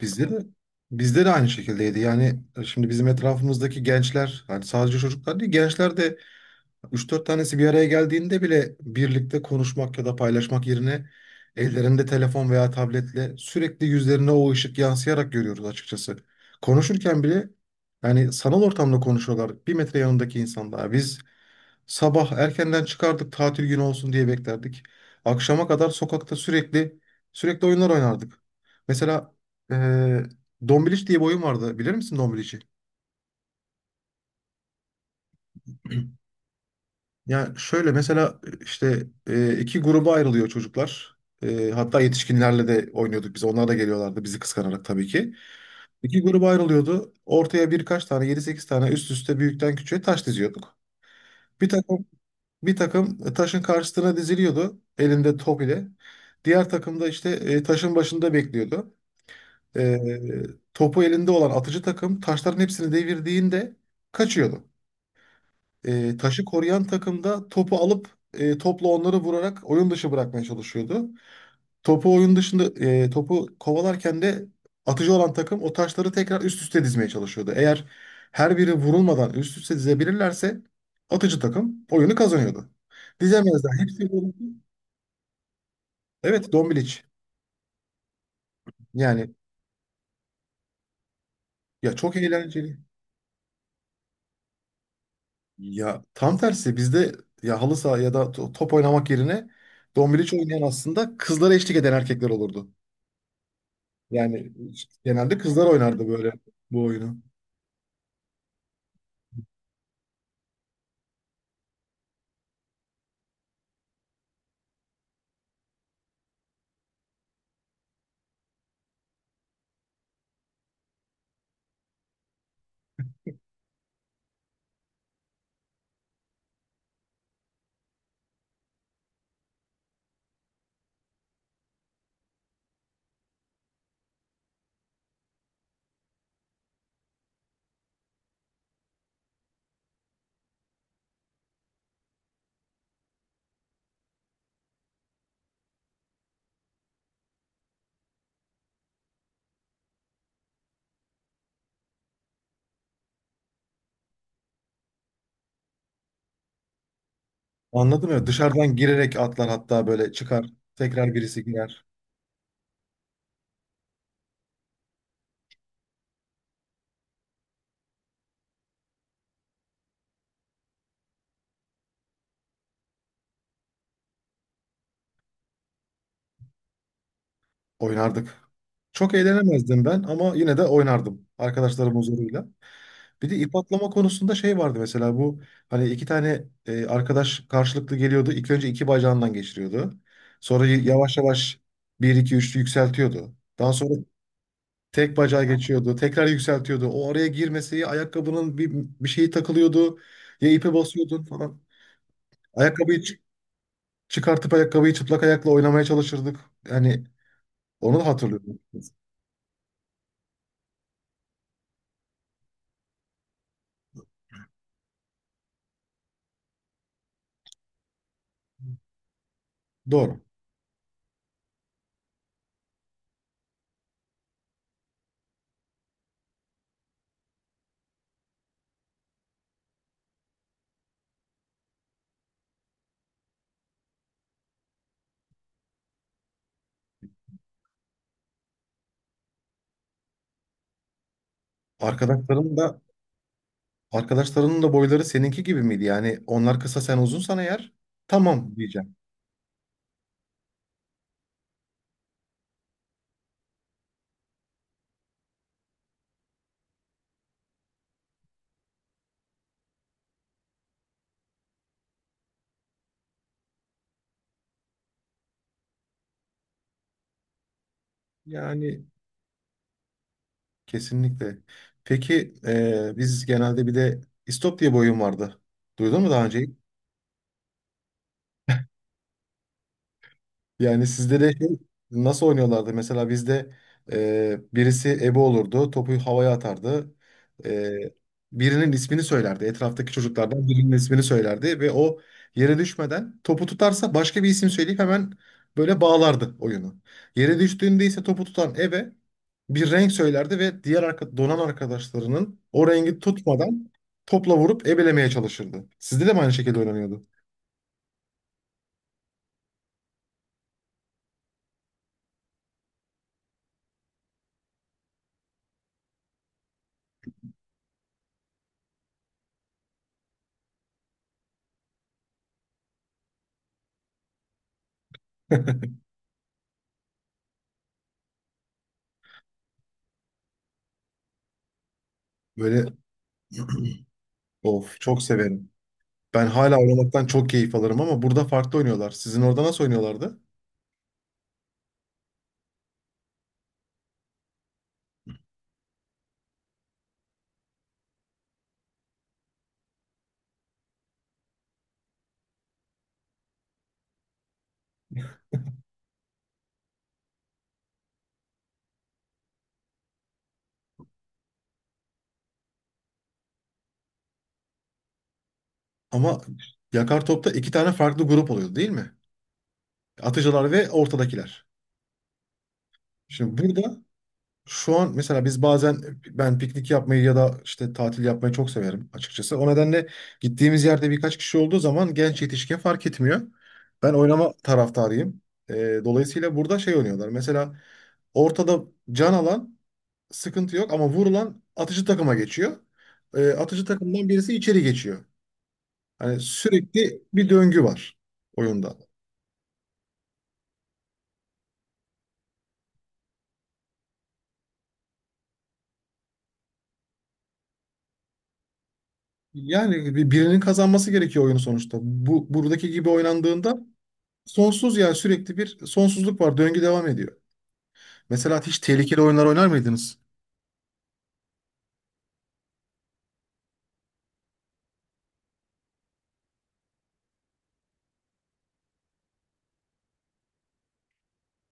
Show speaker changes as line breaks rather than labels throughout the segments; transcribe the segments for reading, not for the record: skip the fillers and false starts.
Bizde de bizde de aynı şekildeydi. Şimdi bizim etrafımızdaki gençler, hani sadece çocuklar değil, gençler de üç dört tanesi bir araya geldiğinde bile birlikte konuşmak ya da paylaşmak yerine ellerinde telefon veya tabletle sürekli yüzlerine o ışık yansıyarak görüyoruz açıkçası. Konuşurken bile yani sanal ortamda konuşuyorlar. 1 metre yanındaki insan daha. Biz sabah erkenden çıkardık tatil günü olsun diye beklerdik. Akşama kadar sokakta sürekli oyunlar oynardık. Mesela eee Dombiliç diye bir oyun vardı. Bilir misin Dombiliç'i? Yani şöyle mesela iki gruba ayrılıyor çocuklar. Hatta yetişkinlerle de oynuyorduk biz. Onlar da geliyorlardı bizi kıskanarak tabii ki. İki gruba ayrılıyordu. Ortaya birkaç tane, yedi sekiz tane, üst üste büyükten küçüğe taş diziyorduk. Bir takım Taşın karşısına diziliyordu elinde top ile. Diğer takım da taşın başında bekliyordu. E, Topu elinde olan atıcı takım taşların hepsini devirdiğinde kaçıyordu. Taşı koruyan takım da topu alıp topla onları vurarak oyun dışı bırakmaya çalışıyordu. Topu oyun dışında e, Topu kovalarken de atıcı olan takım o taşları tekrar üst üste dizmeye çalışıyordu. Eğer her biri vurulmadan üst üste dizebilirlerse atıcı takım oyunu kazanıyordu. Dizemezler. Hepsi vuruldu. Evet, Dombiliç. Yani ya çok eğlenceli. Ya tam tersi bizde ya halı saha ya da top oynamak yerine Dombiliç oynayan aslında kızlara eşlik eden erkekler olurdu. Yani genelde kızlar oynardı böyle bu oyunu. Anladım ya. Dışarıdan girerek atlar hatta böyle çıkar. Tekrar birisi girer. Oynardık. Çok eğlenemezdim ben ama yine de oynardım arkadaşlarım huzuruyla. Bir de ip atlama konusunda şey vardı mesela, bu hani iki tane arkadaş karşılıklı geliyordu. İlk önce iki bacağından geçiriyordu. Sonra yavaş yavaş bir iki üçlü yükseltiyordu. Daha sonra tek bacağı geçiyordu. Tekrar yükseltiyordu. O araya girmesi ya ayakkabının bir, bir şeyi takılıyordu ya ipe basıyordun falan. Ayakkabıyı çıkartıp ayakkabıyı çıplak ayakla oynamaya çalışırdık. Yani onu da hatırlıyorum. Doğru. Arkadaşların da Arkadaşlarının da boyları seninki gibi miydi? Yani onlar kısa sen uzunsan eğer tamam diyeceğim. Yani kesinlikle. Peki biz genelde bir de istop diye bir oyun vardı. Duydun mu daha önce? Yani sizde de şey, nasıl oynuyorlardı? Mesela bizde birisi ebe olurdu, topu havaya atardı. E, Birinin ismini söylerdi. Etraftaki çocuklardan birinin ismini söylerdi ve o yere düşmeden topu tutarsa başka bir isim söyleyip hemen böyle bağlardı oyunu. Yere düştüğünde ise topu tutan ebe bir renk söylerdi ve diğer arka, donan arkadaşlarının o rengi tutmadan topla vurup ebelemeye çalışırdı. Sizde de mi aynı şekilde oynanıyordu? Böyle, of, çok severim. Ben hala oynamaktan çok keyif alırım ama burada farklı oynuyorlar. Sizin orada nasıl oynuyorlardı? Ama yakar topta iki tane farklı grup oluyordu değil mi? Atıcılar ve ortadakiler. Şimdi burada şu an mesela biz bazen, ben piknik yapmayı ya da işte tatil yapmayı çok severim açıkçası. O nedenle gittiğimiz yerde birkaç kişi olduğu zaman genç yetişkin fark etmiyor. Ben oynama taraftarıyım. Dolayısıyla burada şey oynuyorlar. Mesela ortada can alan sıkıntı yok ama vurulan atıcı takıma geçiyor. Atıcı takımdan birisi içeri geçiyor. Hani sürekli bir döngü var oyunda. Yani birinin kazanması gerekiyor oyunu sonuçta. Bu buradaki gibi oynandığında sonsuz, yani sürekli bir sonsuzluk var. Döngü devam ediyor. Mesela hiç tehlikeli oyunlar oynar mıydınız?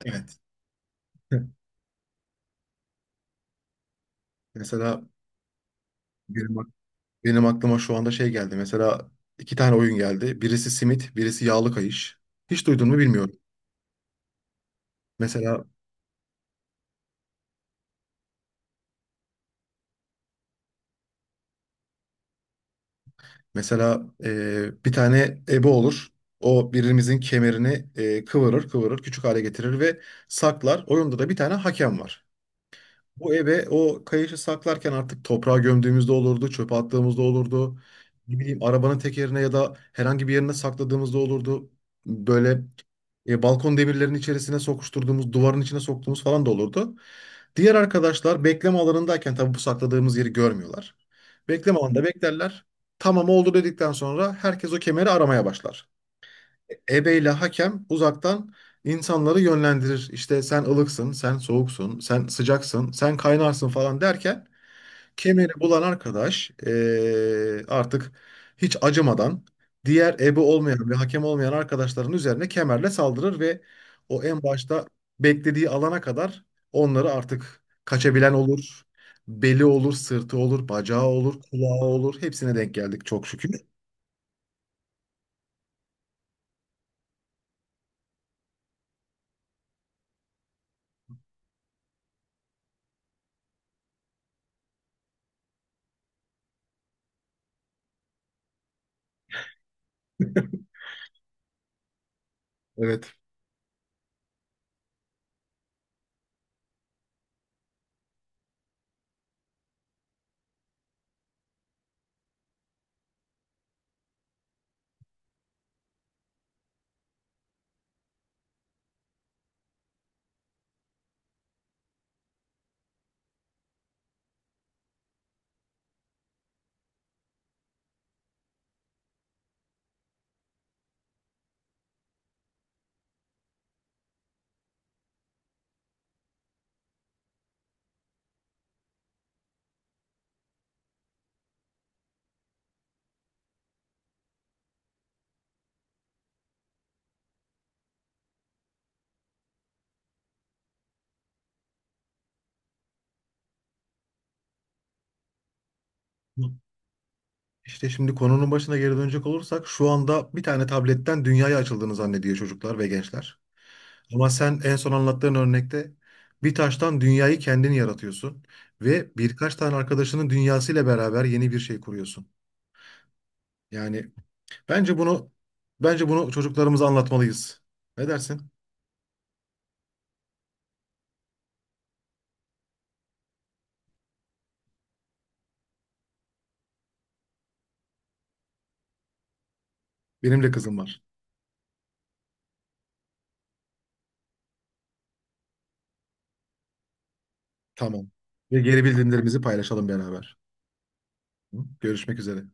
Evet. Heh. Mesela benim, ak- benim aklıma şu anda şey geldi. Mesela iki tane oyun geldi. Birisi simit, birisi yağlı kayış. Hiç duydun mu bilmiyorum. Mesela Mesela bir tane ebe olur. O birimizin kemerini kıvırır, kıvırır, küçük hale getirir ve saklar. Oyunda da bir tane hakem var. Bu eve o kayışı saklarken artık toprağa gömdüğümüzde olurdu, çöpe attığımızda olurdu. Ne bileyim arabanın tekerine ya da herhangi bir yerine sakladığımızda olurdu. Böyle Balkon demirlerinin içerisine sokuşturduğumuz, duvarın içine soktuğumuz falan da olurdu. Diğer arkadaşlar bekleme alanındayken tabii bu sakladığımız yeri görmüyorlar. Bekleme alanında beklerler. Tamam oldu dedikten sonra herkes o kemeri aramaya başlar, ebeyle hakem uzaktan insanları yönlendirir. İşte sen ılıksın, sen soğuksun, sen sıcaksın, sen kaynarsın falan derken kemeri bulan arkadaş artık hiç acımadan diğer ebe olmayan ve hakem olmayan arkadaşların üzerine kemerle saldırır ve o en başta beklediği alana kadar onları, artık kaçabilen olur. Beli olur, sırtı olur, bacağı olur, kulağı olur. Hepsine denk geldik çok şükür. Evet. İşte şimdi konunun başına geri dönecek olursak, şu anda bir tane tabletten dünyaya açıldığını zannediyor çocuklar ve gençler. Ama sen en son anlattığın örnekte bir taştan dünyayı kendini yaratıyorsun ve birkaç tane arkadaşının dünyasıyla beraber yeni bir şey kuruyorsun. Yani bence bunu bence bunu çocuklarımıza anlatmalıyız. Ne dersin? Benim de kızım var. Tamam. Ve geri bildirimlerimizi paylaşalım beraber. Hı? Görüşmek üzere.